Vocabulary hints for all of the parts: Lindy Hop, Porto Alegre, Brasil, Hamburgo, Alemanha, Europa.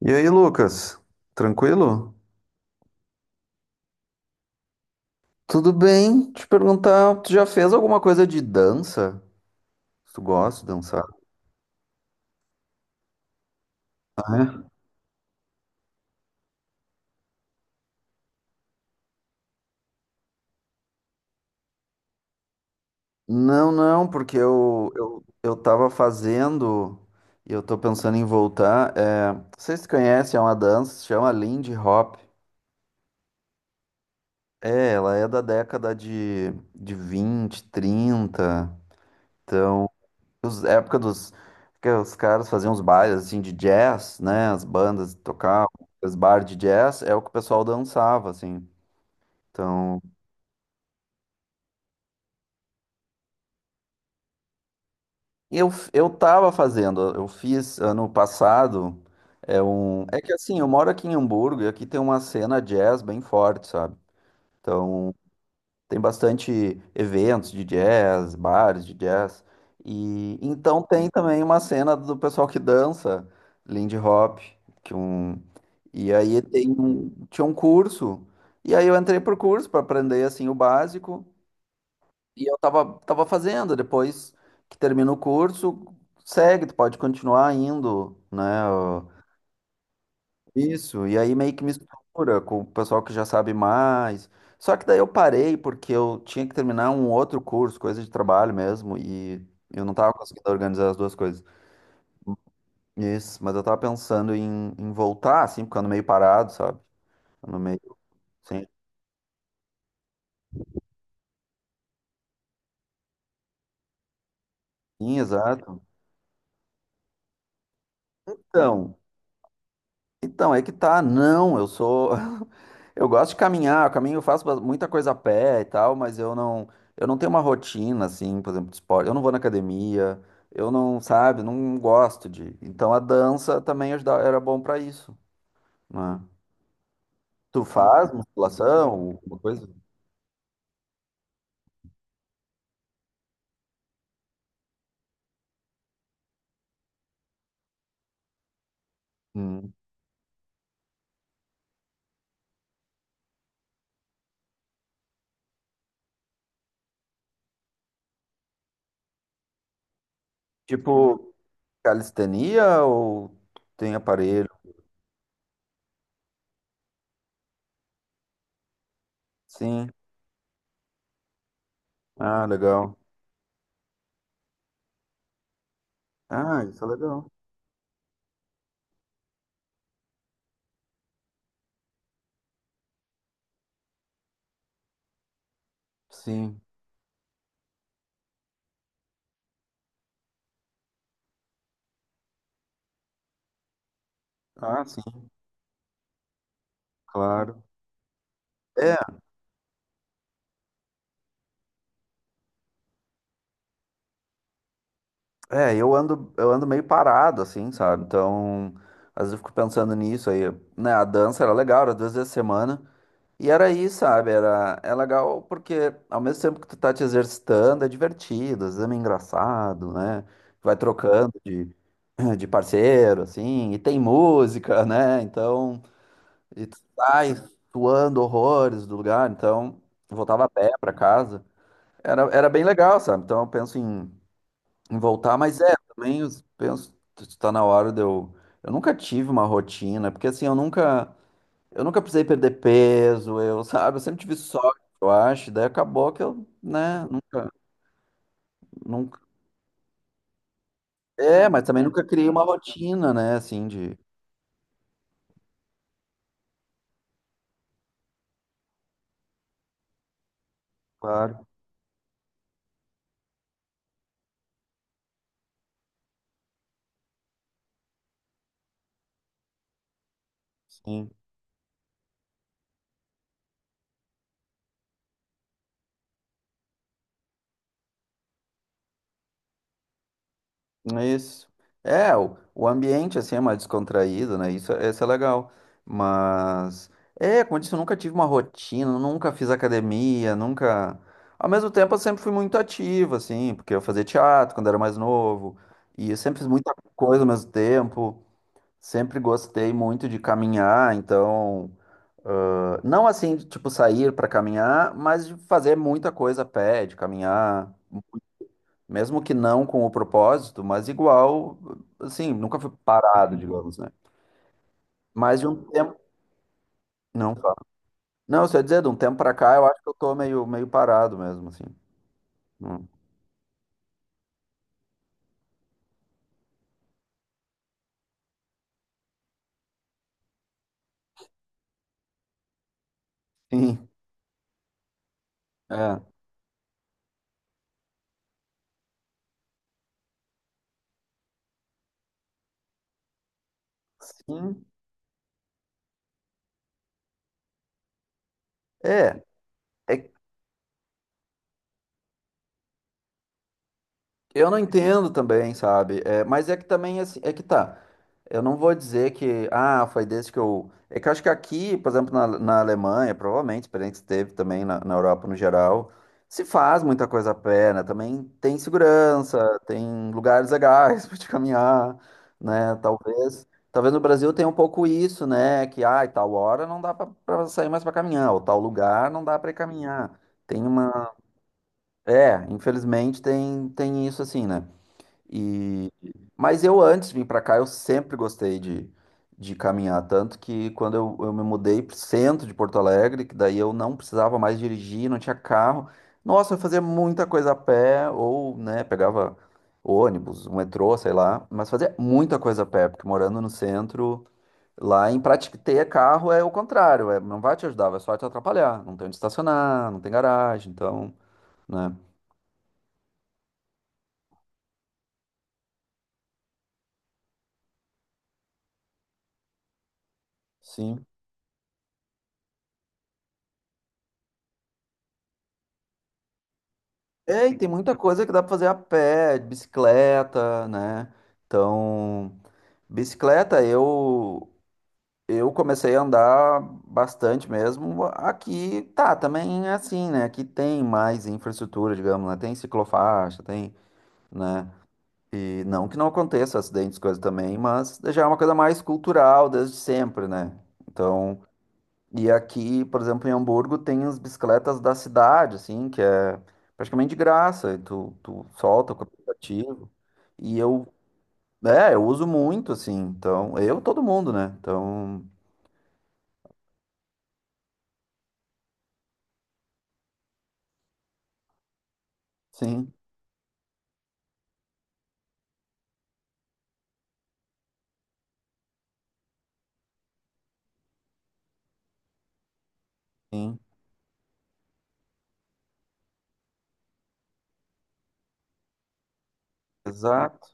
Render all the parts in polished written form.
E aí, Lucas? Tranquilo? Tudo bem? Te perguntar, tu já fez alguma coisa de dança? Tu gosta de dançar? Ah, é? Não, não, porque eu tava fazendo e eu tô pensando em voltar. É, não sei se tu conhece, é uma dança, se chama Lindy Hop. É, ela é da década de 20, trinta. Então, os, a época dos que os caras faziam os bailes assim de jazz, né? As bandas tocavam, os bar de jazz é o que o pessoal dançava assim. Então, eu tava fazendo, eu fiz ano passado, é um é que assim, eu moro aqui em Hamburgo e aqui tem uma cena jazz bem forte, sabe? Então, tem bastante eventos de jazz, bares de jazz, e então tem também uma cena do pessoal que dança Lindy Hop, que um. E aí tem um, tinha um curso, e aí eu entrei por curso para aprender assim o básico, e eu tava, fazendo, depois que termina o curso, segue, tu pode continuar indo, né? Ó, isso, e aí meio que mistura com o pessoal que já sabe mais. Só que daí eu parei porque eu tinha que terminar um outro curso, coisa de trabalho mesmo, e eu não tava conseguindo organizar as duas coisas. Isso, mas eu tava pensando em, em voltar, assim, ficando meio parado, sabe? Ficando meio sem. Sim, exato. Então, então, é que tá. Não, eu sou. Eu gosto de caminhar, eu caminho, eu faço ba- muita coisa a pé e tal, mas eu não tenho uma rotina, assim, por exemplo, de esporte. Eu não vou na academia, eu não, sabe, não gosto de. Então a dança também ajuda- era bom pra isso, né? Tu faz musculação, alguma coisa? Hum. Tipo calistenia ou tem aparelho? Sim. Ah, legal. Ah, isso é legal. Sim. Ah, sim, claro. É, é, eu ando meio parado, assim, sabe? Então, às vezes eu fico pensando nisso aí, né? A dança era legal, era duas vezes a semana. E era isso, sabe? Era, é legal porque ao mesmo tempo que tu tá te exercitando, é divertido, às vezes é meio engraçado, né? Vai trocando de, de parceiro, assim, e tem música, né? Então, e tu sai suando horrores do lugar, então, eu voltava a pé pra casa. Era, era bem legal, sabe? Então, eu penso em voltar, mas é, também eu penso, está na hora de eu. Eu nunca tive uma rotina, porque assim, eu nunca precisei perder peso, eu, sabe, eu sempre tive sorte, eu acho, daí acabou que eu, né, nunca, nunca. É, mas também nunca criei uma rotina, né, assim, de. Claro, sim. Isso. É, o ambiente assim é mais descontraído, né? Isso é legal. Mas é, como eu disse, eu nunca tive uma rotina, nunca fiz academia, nunca. Ao mesmo tempo, eu sempre fui muito ativo, assim, porque eu fazia teatro quando era mais novo, e eu sempre fiz muita coisa ao mesmo tempo. Sempre gostei muito de caminhar, então, ah, não assim, de, tipo, sair para caminhar, mas de fazer muita coisa a pé, de caminhar. Mesmo que não com o propósito, mas igual, assim, nunca fui parado, digamos, né? Mas de um tempo. Não, fala. Não, você ia dizer, de um tempo pra cá, eu acho que eu tô meio, meio parado mesmo, assim. Hum. Sim, é. Sim, é. É, eu não entendo também, sabe? É, mas é que também, assim, é que tá. Eu não vou dizer que, ah, foi desse que eu. É que eu acho que aqui, por exemplo, na Alemanha, provavelmente, experiência que teve também na Europa no geral, se faz muita coisa a pé, né? Também tem segurança, tem lugares legais para te caminhar, né? Talvez. Talvez no Brasil tenha um pouco isso, né? Que, ah, tal hora não dá para sair mais para caminhar, ou tal lugar não dá para ir caminhar. Tem uma. É, infelizmente tem, tem isso assim, né? E... Mas eu antes de vir para cá, eu sempre gostei de caminhar, tanto que quando eu me mudei para o centro de Porto Alegre, que daí eu não precisava mais dirigir, não tinha carro, nossa, eu fazia muita coisa a pé, ou, né, pegava ônibus, um metrô, sei lá, mas fazia muita coisa a pé, porque morando no centro, lá em prática ter carro é o contrário, é, não vai te ajudar, vai só te atrapalhar, não tem onde estacionar, não tem garagem, então, né. Sim, é, e tem muita coisa que dá pra fazer a pé, de bicicleta, né? Então, bicicleta eu, comecei a andar bastante mesmo. Aqui tá, também é assim, né? Aqui tem mais infraestrutura, digamos, né? Tem ciclofaixa, tem, né? E não que não aconteça acidentes, coisa também, mas já é uma coisa mais cultural desde sempre, né? Então, e aqui, por exemplo, em Hamburgo tem as bicicletas da cidade, assim, que é praticamente de graça. E tu solta com o aplicativo. E eu, é, eu uso muito, assim. Então, eu, todo mundo, né? Então, sim, sim, exato.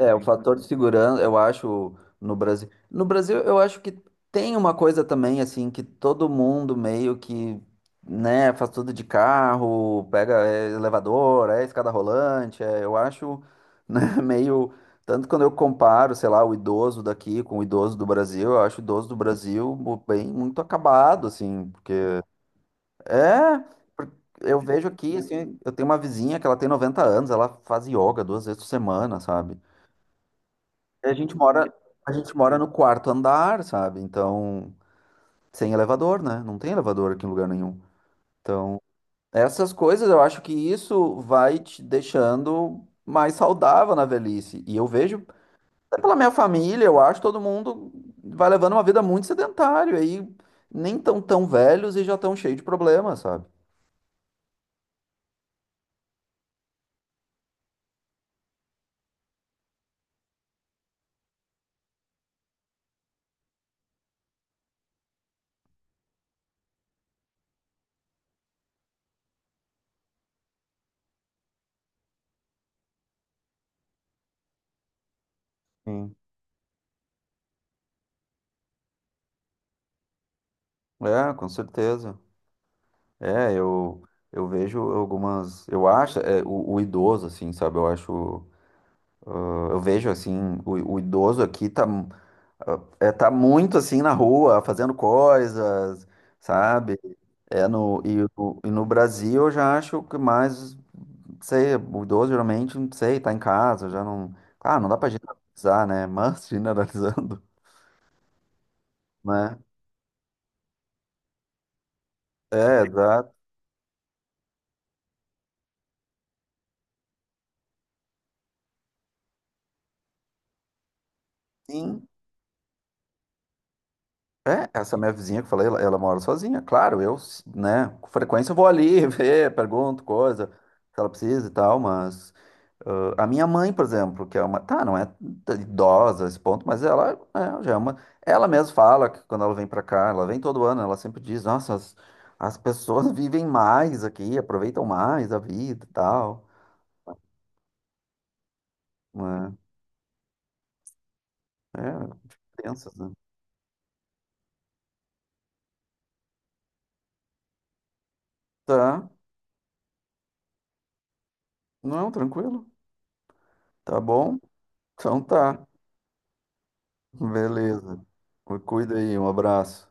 É, o fator de segurança, eu acho, no Brasil. No Brasil, eu acho que tem uma coisa também, assim, que todo mundo meio que, né, faz tudo de carro, pega é, elevador, é escada rolante. É, eu acho, né, meio. Tanto quando eu comparo, sei lá, o idoso daqui com o idoso do Brasil, eu acho o idoso do Brasil mu- bem muito acabado, assim, porque. É. Por- eu vejo aqui, assim, eu tenho uma vizinha que ela tem 90 anos, ela faz yoga duas vezes por semana, sabe? E a gente mora no quarto andar, sabe? Então, sem elevador, né? Não tem elevador aqui em lugar nenhum. Então, essas coisas, eu acho que isso vai te deixando mais saudável na velhice. E eu vejo, até pela minha família, eu acho todo mundo vai levando uma vida muito sedentária aí, nem tão tão velhos e já tão cheio de problemas, sabe? Sim. É, com certeza. É, eu vejo algumas, eu acho, é, o idoso assim, sabe? Eu acho. Eu vejo assim, o idoso aqui tá, é, tá muito assim na rua, fazendo coisas, sabe? É no, e, o- e no Brasil eu já acho que mais, não sei, o idoso geralmente, não sei, tá em casa, já não. Claro, não dá pra generalizar, né? Mas generalizando, né? É, exato. Sim. É, essa minha vizinha que eu falei, ela mora sozinha. Claro, eu, né, com frequência eu vou ali ver, pergunto coisa, se ela precisa e tal, mas. Ah, a minha mãe, por exemplo, que é uma. Tá, não é t- idosa a esse ponto, mas ela é, já é uma. Ela mesma fala que quando ela vem pra cá, ela vem todo ano, ela sempre diz: Nossa, as pessoas vivem mais aqui, aproveitam mais a vida e tal. Né? É, pensas, né? Tá, não, tranquilo. Tá bom? Então tá. Beleza. Cuida aí, um abraço.